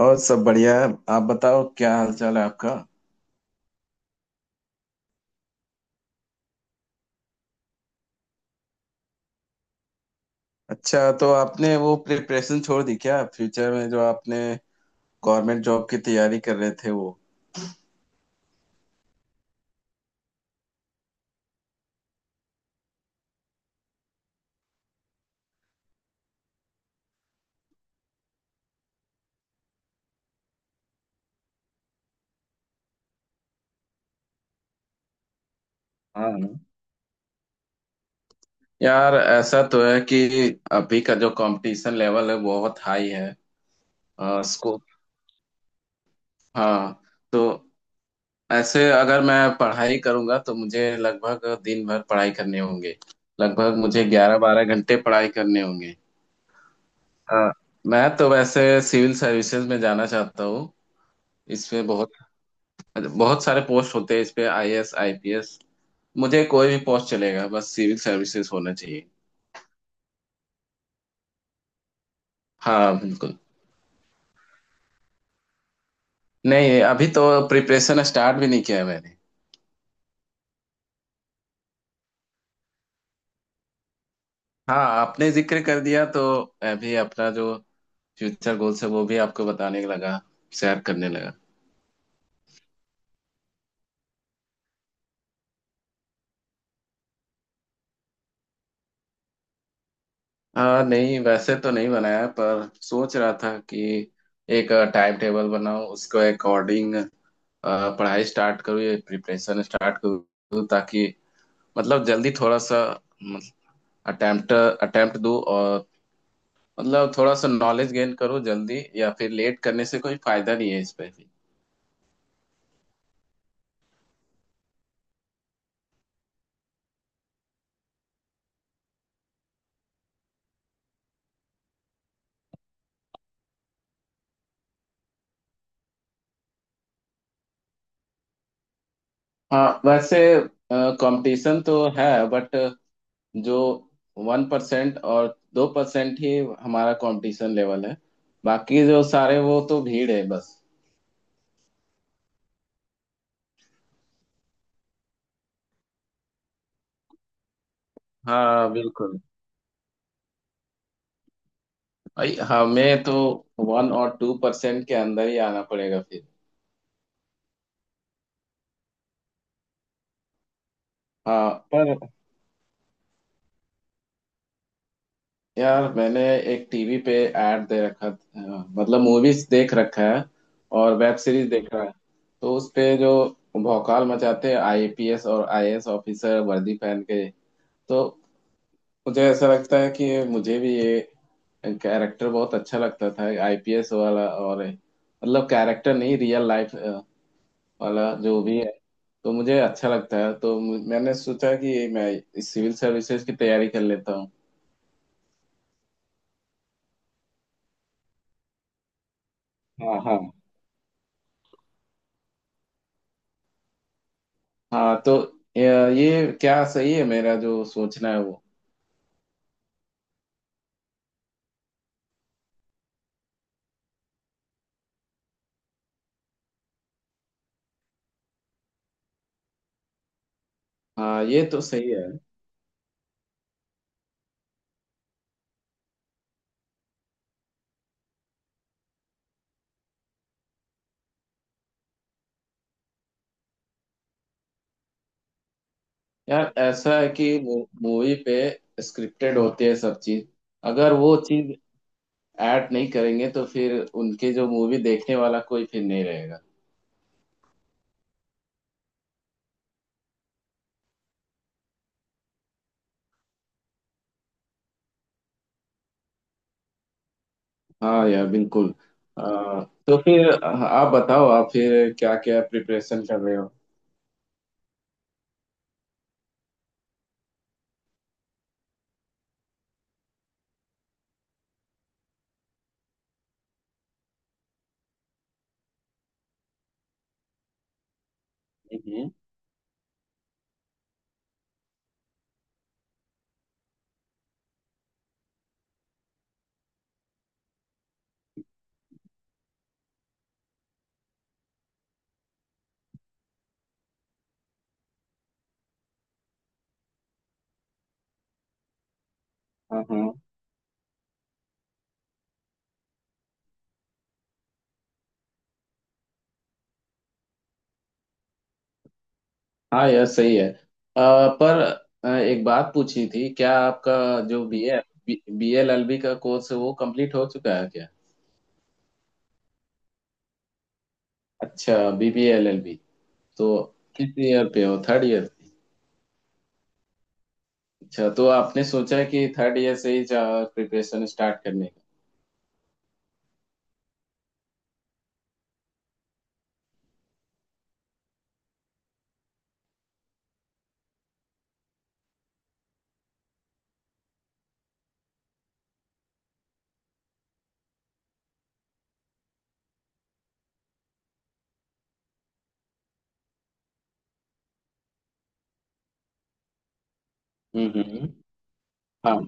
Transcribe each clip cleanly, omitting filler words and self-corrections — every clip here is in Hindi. और सब बढ़िया है। आप बताओ क्या हाल चाल है आपका? अच्छा, तो आपने वो प्रिपरेशन छोड़ दी क्या, फ्यूचर में जो आपने गवर्नमेंट जॉब की तैयारी कर रहे थे वो? हाँ हाँ। यार, ऐसा तो है कि अभी का जो कंपटीशन लेवल है बहुत हाई है। स्कोप। हाँ, तो ऐसे अगर मैं पढ़ाई करूंगा तो मुझे लगभग दिन भर पढ़ाई करने होंगे। लगभग मुझे 11-12 घंटे पढ़ाई करने होंगे। हाँ, मैं तो वैसे सिविल सर्विसेज में जाना चाहता हूँ। इसमें बहुत बहुत सारे पोस्ट होते हैं इस पे, आईएएस, आईपीएस। मुझे कोई भी पोस्ट चलेगा, बस सिविल सर्विसेज होना चाहिए। हाँ, बिल्कुल। नहीं, अभी तो प्रिपरेशन स्टार्ट भी नहीं किया है मैंने। हाँ, आपने जिक्र कर दिया तो मैं भी अपना जो फ्यूचर गोल्स है वो भी आपको बताने लगा, शेयर करने लगा। हाँ, नहीं वैसे तो नहीं बनाया, पर सोच रहा था कि एक टाइम टेबल बनाऊं, उसको अकॉर्डिंग पढ़ाई स्टार्ट करूँ या प्रिपरेशन स्टार्ट करूँ, ताकि मतलब जल्दी थोड़ा सा अटेम्प्ट अटेम्प्ट दो, और मतलब थोड़ा सा नॉलेज गेन करो जल्दी, या फिर लेट करने से कोई फायदा नहीं है इस पे भी। हाँ, वैसे कंपटीशन तो है बट जो 1% और 2% ही हमारा कंपटीशन लेवल है, बाकी जो सारे वो तो भीड़ है बस। हाँ, बिल्कुल। भाई, हमें तो 1 और 2% के अंदर ही आना पड़ेगा फिर। हाँ, पर यार मैंने एक टीवी पे ऐड दे रखा था, मतलब मूवीज देख रखा है और वेब सीरीज देख रहा है। तो उस पे जो भौकाल मचाते हैं आईपीएस और आईएएस ऑफिसर वर्दी पहन के, तो मुझे ऐसा लगता है कि मुझे भी ये कैरेक्टर बहुत अच्छा लगता था, आईपीएस वाला, और मतलब कैरेक्टर नहीं, रियल लाइफ वाला जो भी है। तो मुझे अच्छा लगता है, तो मैंने सोचा कि मैं इस सिविल सर्विसेज की तैयारी कर लेता हूँ। हाँ हाँ हाँ। तो ये ये क्या सही है, मेरा जो सोचना है वो? हाँ, ये तो सही है। यार, ऐसा है कि मूवी पे स्क्रिप्टेड होती है सब चीज। अगर वो चीज ऐड नहीं करेंगे तो फिर उनके जो मूवी देखने वाला कोई फिर नहीं रहेगा। हाँ यार बिल्कुल। तो फिर आप बताओ, आप फिर क्या क्या प्रिपरेशन कर रहे हो? हम्म। हाँ हाँ। हाँ यार सही है। पर एक बात पूछी थी क्या आपका, जो B A B L L B का कोर्स है वो कंप्लीट हो चुका है क्या? अच्छा, B B L L B. तो किस ईयर पे हो, थर्ड ईयर? अच्छा, तो आपने सोचा कि थर्ड ईयर से ही प्रिपरेशन स्टार्ट करने का? हम्म हम्म।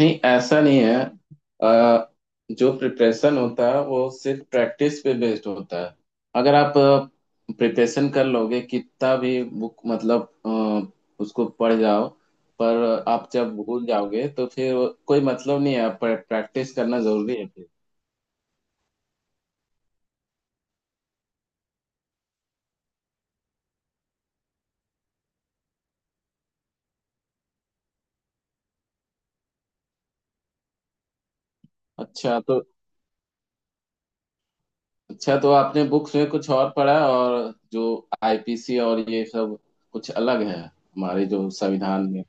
नहीं, ऐसा नहीं है। अ, जो प्रिपरेशन होता है वो सिर्फ प्रैक्टिस पे बेस्ड होता है। अगर आप प्रिपरेशन कर लोगे, कितना भी बुक मतलब उसको पढ़ जाओ, पर आप जब भूल जाओगे तो फिर कोई मतलब नहीं है, प्रैक्टिस करना जरूरी है फिर। अच्छा तो अच्छा, तो आपने बुक्स में कुछ और पढ़ा, और जो आईपीसी और ये सब कुछ अलग है हमारे जो संविधान में?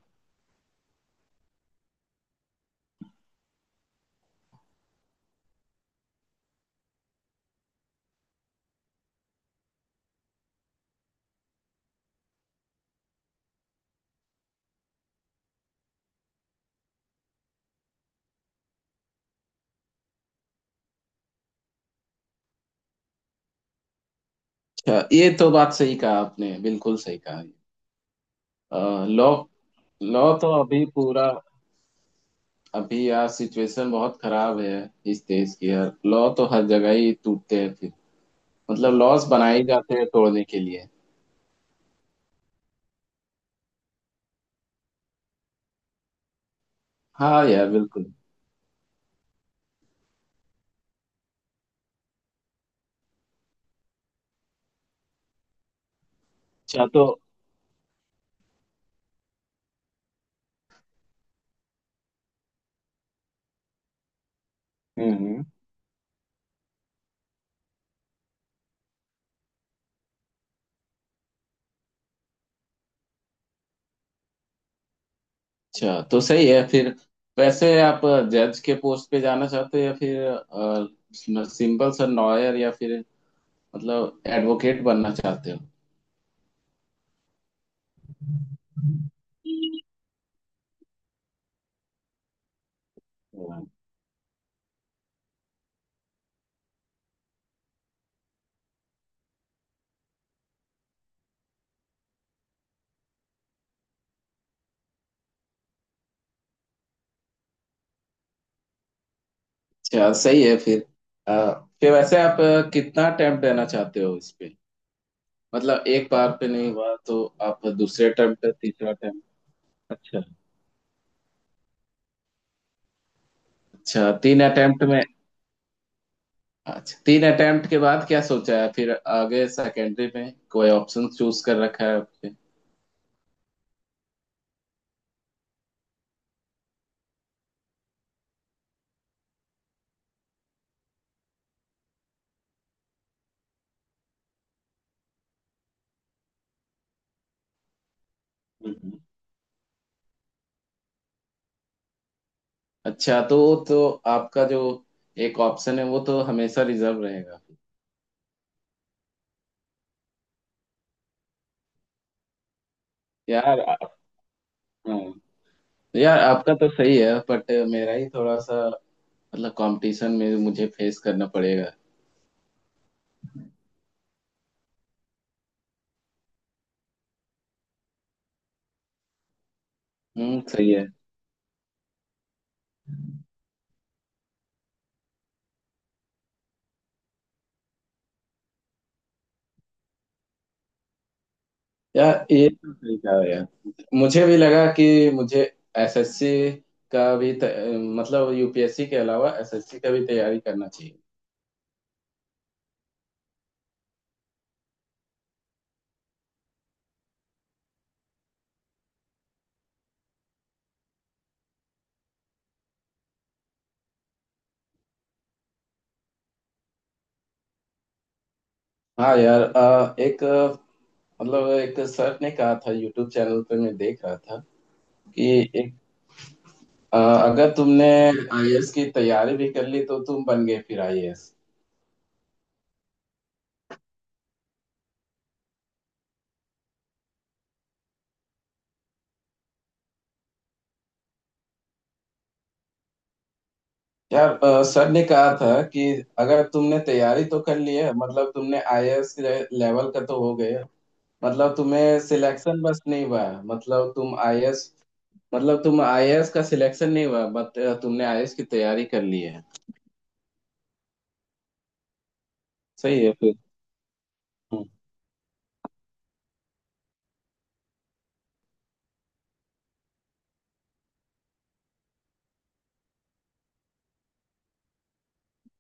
अच्छा, ये तो बात सही कहा आपने, बिल्कुल सही कहा। लॉ लॉ तो अभी पूरा, अभी यार सिचुएशन बहुत खराब है इस देश की। यार, लॉ तो हर जगह ही टूटते हैं फिर, मतलब लॉस बनाए ही जाते हैं तोड़ने के लिए। हाँ यार बिल्कुल। अच्छा तो। हम्म हम्म, अच्छा तो सही है फिर। वैसे आप जज के पोस्ट पे जाना चाहते हो या फिर सिंपल सा लॉयर, या फिर मतलब एडवोकेट बनना चाहते हो? अच्छा, सही है फिर। अ, फिर वैसे आप कितना अटेम्प्ट देना चाहते हो इस पे? मतलब एक बार पे नहीं हुआ तो आप दूसरे अटेम्प्ट, तीसरा अटेम्प्ट? अच्छा। अच्छा तीन अटेम्प्ट में अच्छा, 3 अटेम्प्ट के बाद क्या सोचा है फिर? आगे सेकेंडरी में कोई ऑप्शन चूज कर रखा है आपने? हम्म। अच्छा तो तो आपका जो एक ऑप्शन है वो तो हमेशा रिजर्व रहेगा। यार आ- हाँ। यार, आपका तो सही है बट मेरा ही थोड़ा सा, मतलब कंपटीशन में मुझे फेस करना पड़ेगा। सही है। या ये तो सही कहा यार। मुझे भी लगा कि मुझे एसएससी का भी मतलब यूपीएससी के अलावा एसएससी का भी तैयारी करना चाहिए। हाँ यार। एक मतलब एक सर ने कहा था, यूट्यूब चैनल पे मैं देख रहा था, कि एक, अगर तुमने आईएएस की तैयारी भी कर ली तो तुम बन गए फिर आईएएस। यार, सर ने कहा था कि अगर तुमने तैयारी तो कर ली है, मतलब तुमने आईएएस लेवल का तो हो गए। मतलब तुम्हें सिलेक्शन बस नहीं हुआ है। मतलब तुम आईएएस का सिलेक्शन नहीं हुआ, बट तुमने आईएएस की तैयारी कर ली है। सही है फिर। हम्म,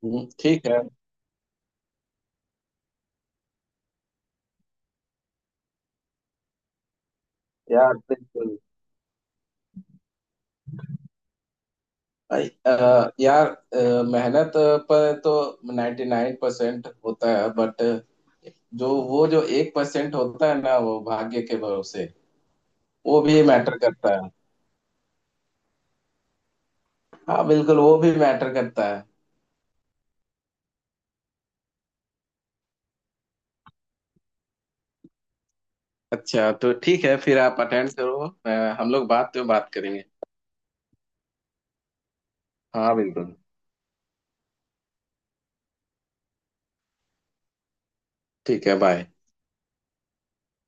ठीक है। यार बिल्कुल। अ- अ, यार मेहनत पर तो 99% होता है बट जो वो जो 1% होता है ना, वो भाग्य के भरोसे। वो भी मैटर करता है। हाँ बिल्कुल, वो भी मैटर करता है। अच्छा, तो ठीक है फिर, आप अटेंड करो। अ, हम लोग बात करेंगे। हाँ बिल्कुल। ठीक है, बाय।